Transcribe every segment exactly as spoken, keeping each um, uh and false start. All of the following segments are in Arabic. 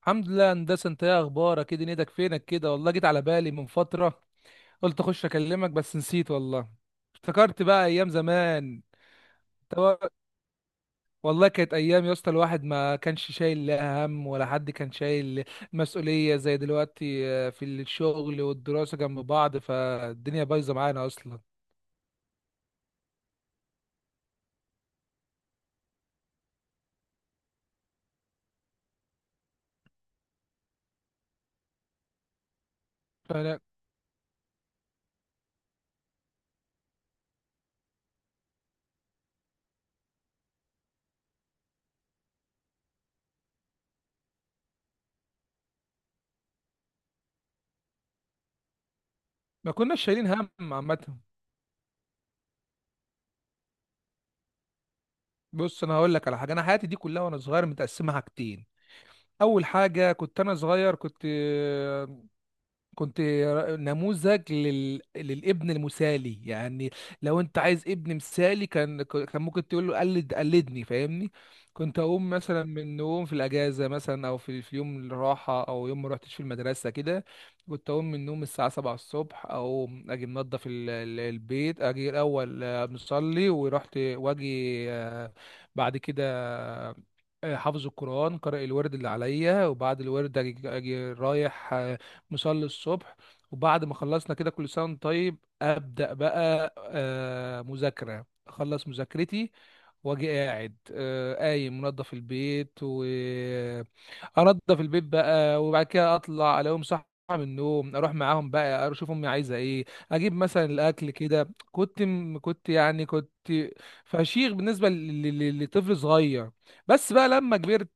الحمد لله يا هندسه، انت ايه اخبارك؟ ايه دنيتك؟ فينك كده؟ والله جيت على بالي من فتره، قلت اخش اكلمك بس نسيت والله. افتكرت بقى ايام زمان. طب- والله كانت ايام يا اسطى، الواحد ما كانش شايل لا هم ولا حد كان شايل مسؤوليه زي دلوقتي. آه، في الشغل والدراسه جنب بعض، فالدنيا بايظه معانا اصلا. فانا ما كناش شايلين هم عامه. بص، انا هقول لك على حاجه، انا حياتي دي كلها وانا صغير متقسمه حاجتين. اول حاجه كنت انا صغير، كنت كنت نموذج لل... للابن المثالي يعني. لو انت عايز ابن مثالي كان كان ممكن تقول له قلد، قلدني، فاهمني؟ كنت اقوم مثلا من النوم في الاجازه مثلا او في, في يوم الراحه او يوم ما رحتش في المدرسه كده، كنت اقوم من النوم الساعه سبعة الصبح او اجي منظف ال... ال- البيت، اجي الاول آه، مصلي ورحت واجي، آه، بعد كده آه، حافظ القرآن، قارئ الورد اللي عليا، وبعد الورد أجي أجي رايح، آه، مصلي الصبح. وبعد ما خلصنا كده كل سنة وأنت طيب، أبدأ بقى آه، مذاكرة، أخلص مذاكرتي واجي قاعد، آه، قايم منظف البيت، و انضف البيت بقى. وبعد كده اطلع الاقيهم صح من النوم، اروح معاهم بقى اشوف امي عايزه ايه، اجيب مثلا الاكل كده. كنت م- كنت يعني كنت فشيخ بالنسبه ل- ل- ل- لطفل صغير. بس بقى لما كبرت،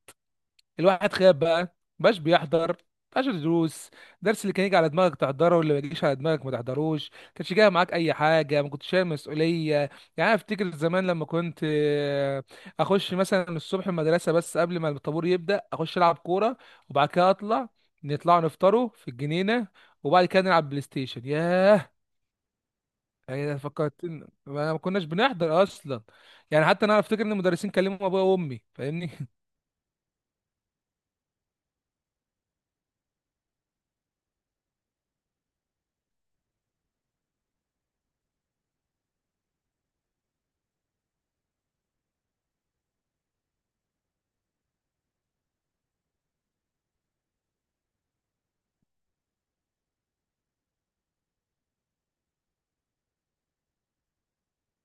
الواحد خاب بقى، مبقاش بيحضر مبقاش دروس. الدرس اللي كان يجي على دماغك تحضره، واللي ما يجيش على دماغك ما تحضروش. كانش جاي معاك اي حاجه، ما كنتش شايل مسؤوليه يعني. انا افتكر زمان لما كنت، آه، اخش مثلا الصبح المدرسه، بس قبل ما الطابور يبدا اخش العب كوره، وبعد كده اطلع نطلع نفطروا في الجنينه، وبعد كده نلعب بلاي ستيشن. ياه، يعني فكرت إن- ما كناش بنحضر اصلا. يعني حتى انا افتكر ان المدرسين كلموا ابويا وامي، فاهمني؟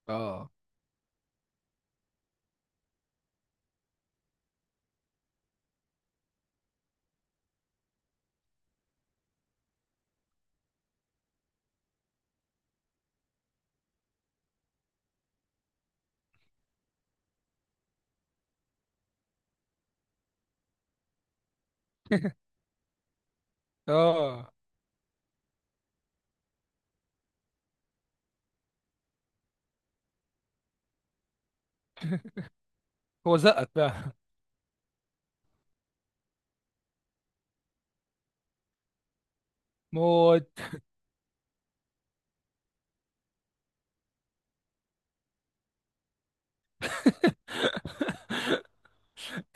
اه. اه. هو زقك بقى؟ ما هو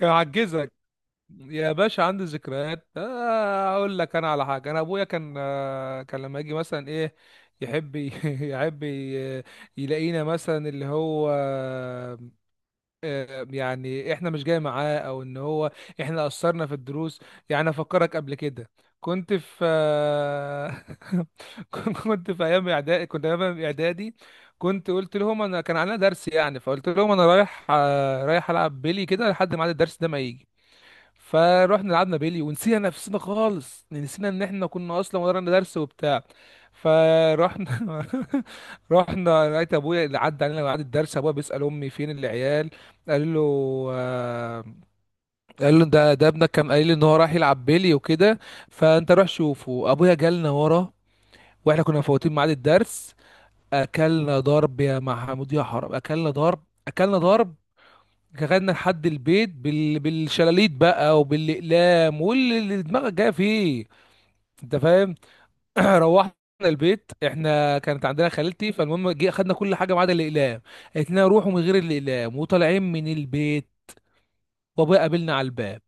هعجزك يا باشا. عندي ذكريات، آه، اقول لك انا على حاجه. انا ابويا كان، آه، كان لما يجي مثلا ايه، يحب ي- يحب ي- يلاقينا مثلا اللي هو، آه، يعني احنا مش جاي معاه، او ان هو احنا اثرنا في الدروس. يعني افكرك قبل كده، كنت في، آه، كنت في ايام اعدادي، كنت ايام اعدادي كنت قلت لهم انا كان علينا درس، يعني فقلت لهم انا رايح، آه، رايح العب بيلي كده لحد ما عاد الدرس ده ما يجي. فروحنا لعبنا بيلي ونسينا نفسنا خالص، نسينا ان احنا كنا اصلا ورانا درس وبتاع. فروحنا رحنا، لقيت ابويا اللي عدى علينا بعد الدرس. ابويا بيسال امي فين العيال، قال له، آه، قال له ده ده ابنك كان قايل لي ان هو راح يلعب بيلي وكده، فانت روح شوفه. ابويا جالنا ورا واحنا كنا مفوتين ميعاد الدرس. اكلنا ضرب يا محمود يا حرام، اكلنا ضرب اكلنا ضرب. خدنا لحد البيت بال... بالشلاليت بقى وبالاقلام واللي دماغك جايه فيه. انت فاهم؟ روحنا البيت، احنا كانت عندنا خالتي، فالمهم جه خدنا كل حاجه ما عدا الاقلام، قالت لنا روحوا من غير الاقلام. وطالعين من البيت، بابا قابلنا على الباب،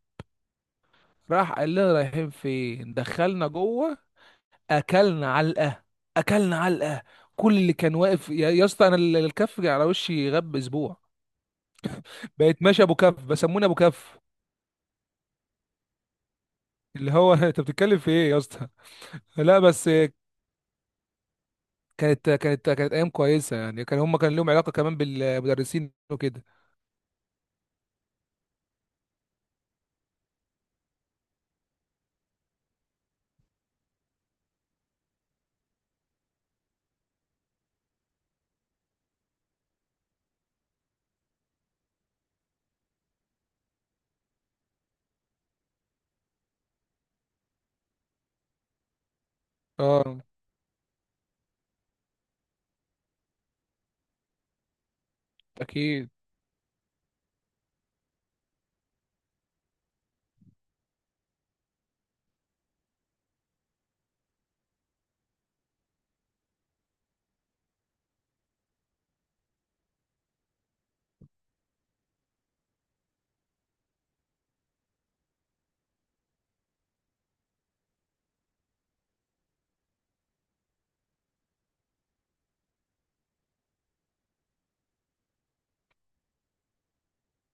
راح قال لنا رايحين فين؟ دخلنا جوه، اكلنا علقه اكلنا علقه. كل اللي كان واقف يا يا اسطى، انا ال- الكف على وشي غاب اسبوع. بقيت ماشي ابو كف، بسموني ابو كف، اللي هو انت بتتكلم في ايه يا اسطى؟ لا بس كانت كانت كانت ايام كويسه يعني، كان هم كان لهم علاقه كمان بالمدرسين وكده. اه، اكيد.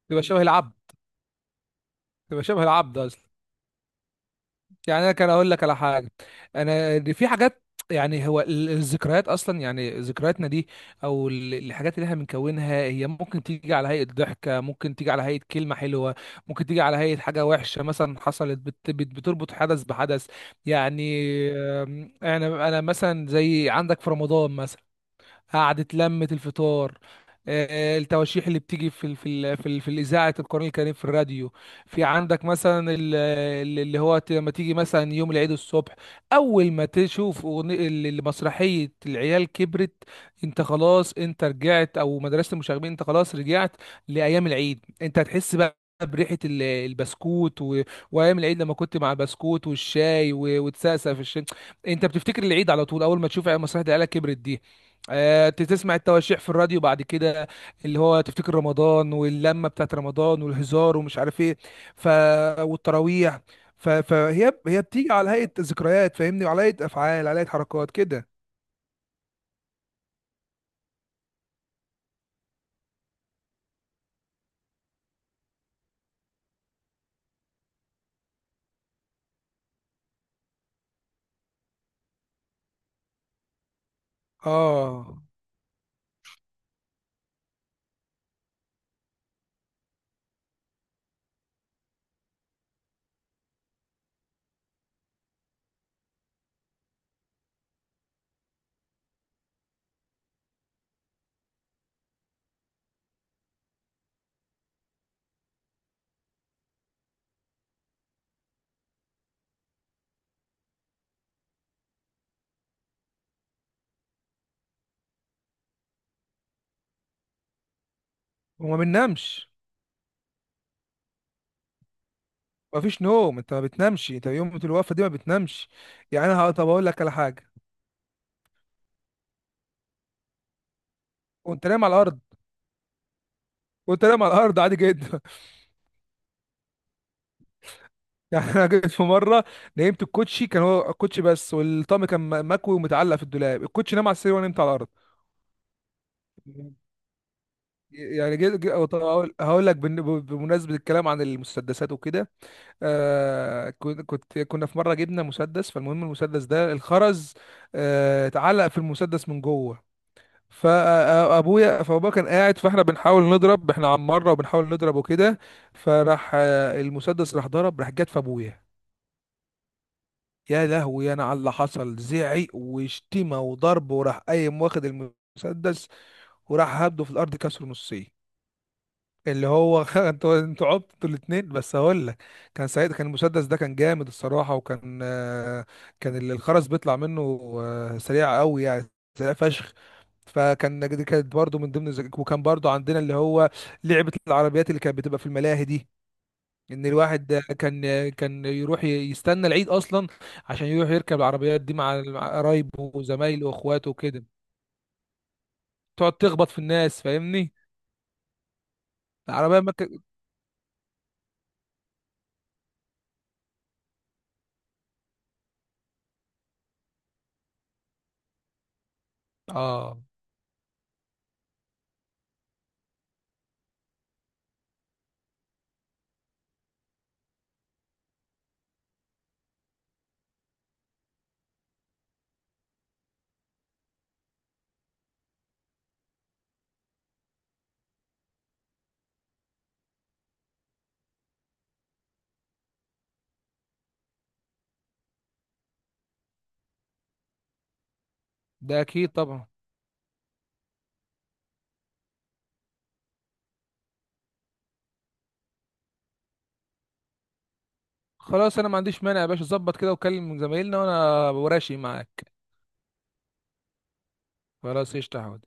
تبقى شبه العبد، تبقى شبه العبد اصلا. يعني انا كان اقول لك على حاجه، انا دي في حاجات. يعني هو ال- الذكريات اصلا، يعني ذكرياتنا دي او ال- الحاجات اللي احنا بنكونها، هي ممكن تيجي على هيئه ضحكه، ممكن تيجي على هيئه كلمه حلوه، ممكن تيجي على هيئه حاجه وحشه مثلا حصلت، بت بت بتربط حدث بحدث يعني. آم، انا انا مثلا زي عندك في رمضان مثلا، قعدة لمة الفطار، آه، التواشيح اللي بتيجي في ال- في ال- في ال- في الاذاعه، القران الكريم في الراديو. في عندك مثلا ال- ال- اللي هو ت- لما تيجي مثلا يوم العيد الصبح، اول ما تشوف أغني- ال- ال- مسرحيه العيال كبرت، انت خلاص انت رجعت، او مدرسه المشاغبين انت خلاص رجعت لايام العيد. انت هتحس بقى بريحة ال- البسكوت و... وأيام العيد لما كنت مع البسكوت والشاي و... وتسقسق في الشن. انت بتفتكر العيد على طول، اول ما تشوف مسرحيه العيله كبرت دي، آه، تسمع التواشيح في الراديو بعد كده، اللي هو تفتكر رمضان واللمه بتاعت رمضان والهزار ومش عارف ايه. ف والتراويح. ف... فهي هي بتيجي على هيئه ذكريات فاهمني، وعلى هيئه افعال، على هيئه حركات كده. اه، وما بننامش، ما فيش نوم، انت ما بتنامش انت يوم الوقفه دي ما بتنامش. يعني انا ه- طب اقول لك على حاجه. وانت نايم على الارض، وانت نايم على الارض عادي جدا. يعني انا جيت في مره، نمت الكوتشي كان هو الكوتشي بس، والطقم كان م- مكوي ومتعلق في الدولاب. الكوتشي نام على السرير وانا نمت على الارض. يعني جيت جي- أو- هقول هقول لك بن- بمناسبة الكلام عن المسدسات وكده، آه كن- كنت كنا في مرة جبنا مسدس، فالمهم المسدس ده الخرز آه اتعلق في المسدس من جوه. فابويا فابويا كان قاعد، فاحنا بنحاول نضرب احنا عن مره وبنحاول نضرب وكده، فراح آه، المسدس راح ضرب، راح جت في ابويا. يا لهوي انا على اللي حصل، زعق وشتيمه وضرب، وراح قايم واخد المسدس وراح هبده في الارض كسره نصين، اللي هو انتوا انتوا عبتوا انتوا الاثنين. بس هقول لك، كان سعيد، كان المسدس ده كان جامد الصراحه، وكان، آه، كان ال- الخرز بيطلع منه، آه، سريع قوي يعني، سريع فشخ. فكان دي كانت برضه من ضمن الذك- وكان برضه عندنا اللي هو لعبه العربيات اللي كانت بتبقى في الملاهي دي، ان الواحد كان كان يروح ي- يستنى العيد اصلا عشان يروح يركب العربيات دي مع مع قرايبه وزمايله واخواته وكده. تقعد تخبط في الناس، فاهمني؟ العربيه ما كان-. اه، ده اكيد طبعا. خلاص، انا ما عنديش مانع يا باشا، ظبط كده وكلم زمايلنا وانا وراشي معاك. خلاص قشطة يا حود.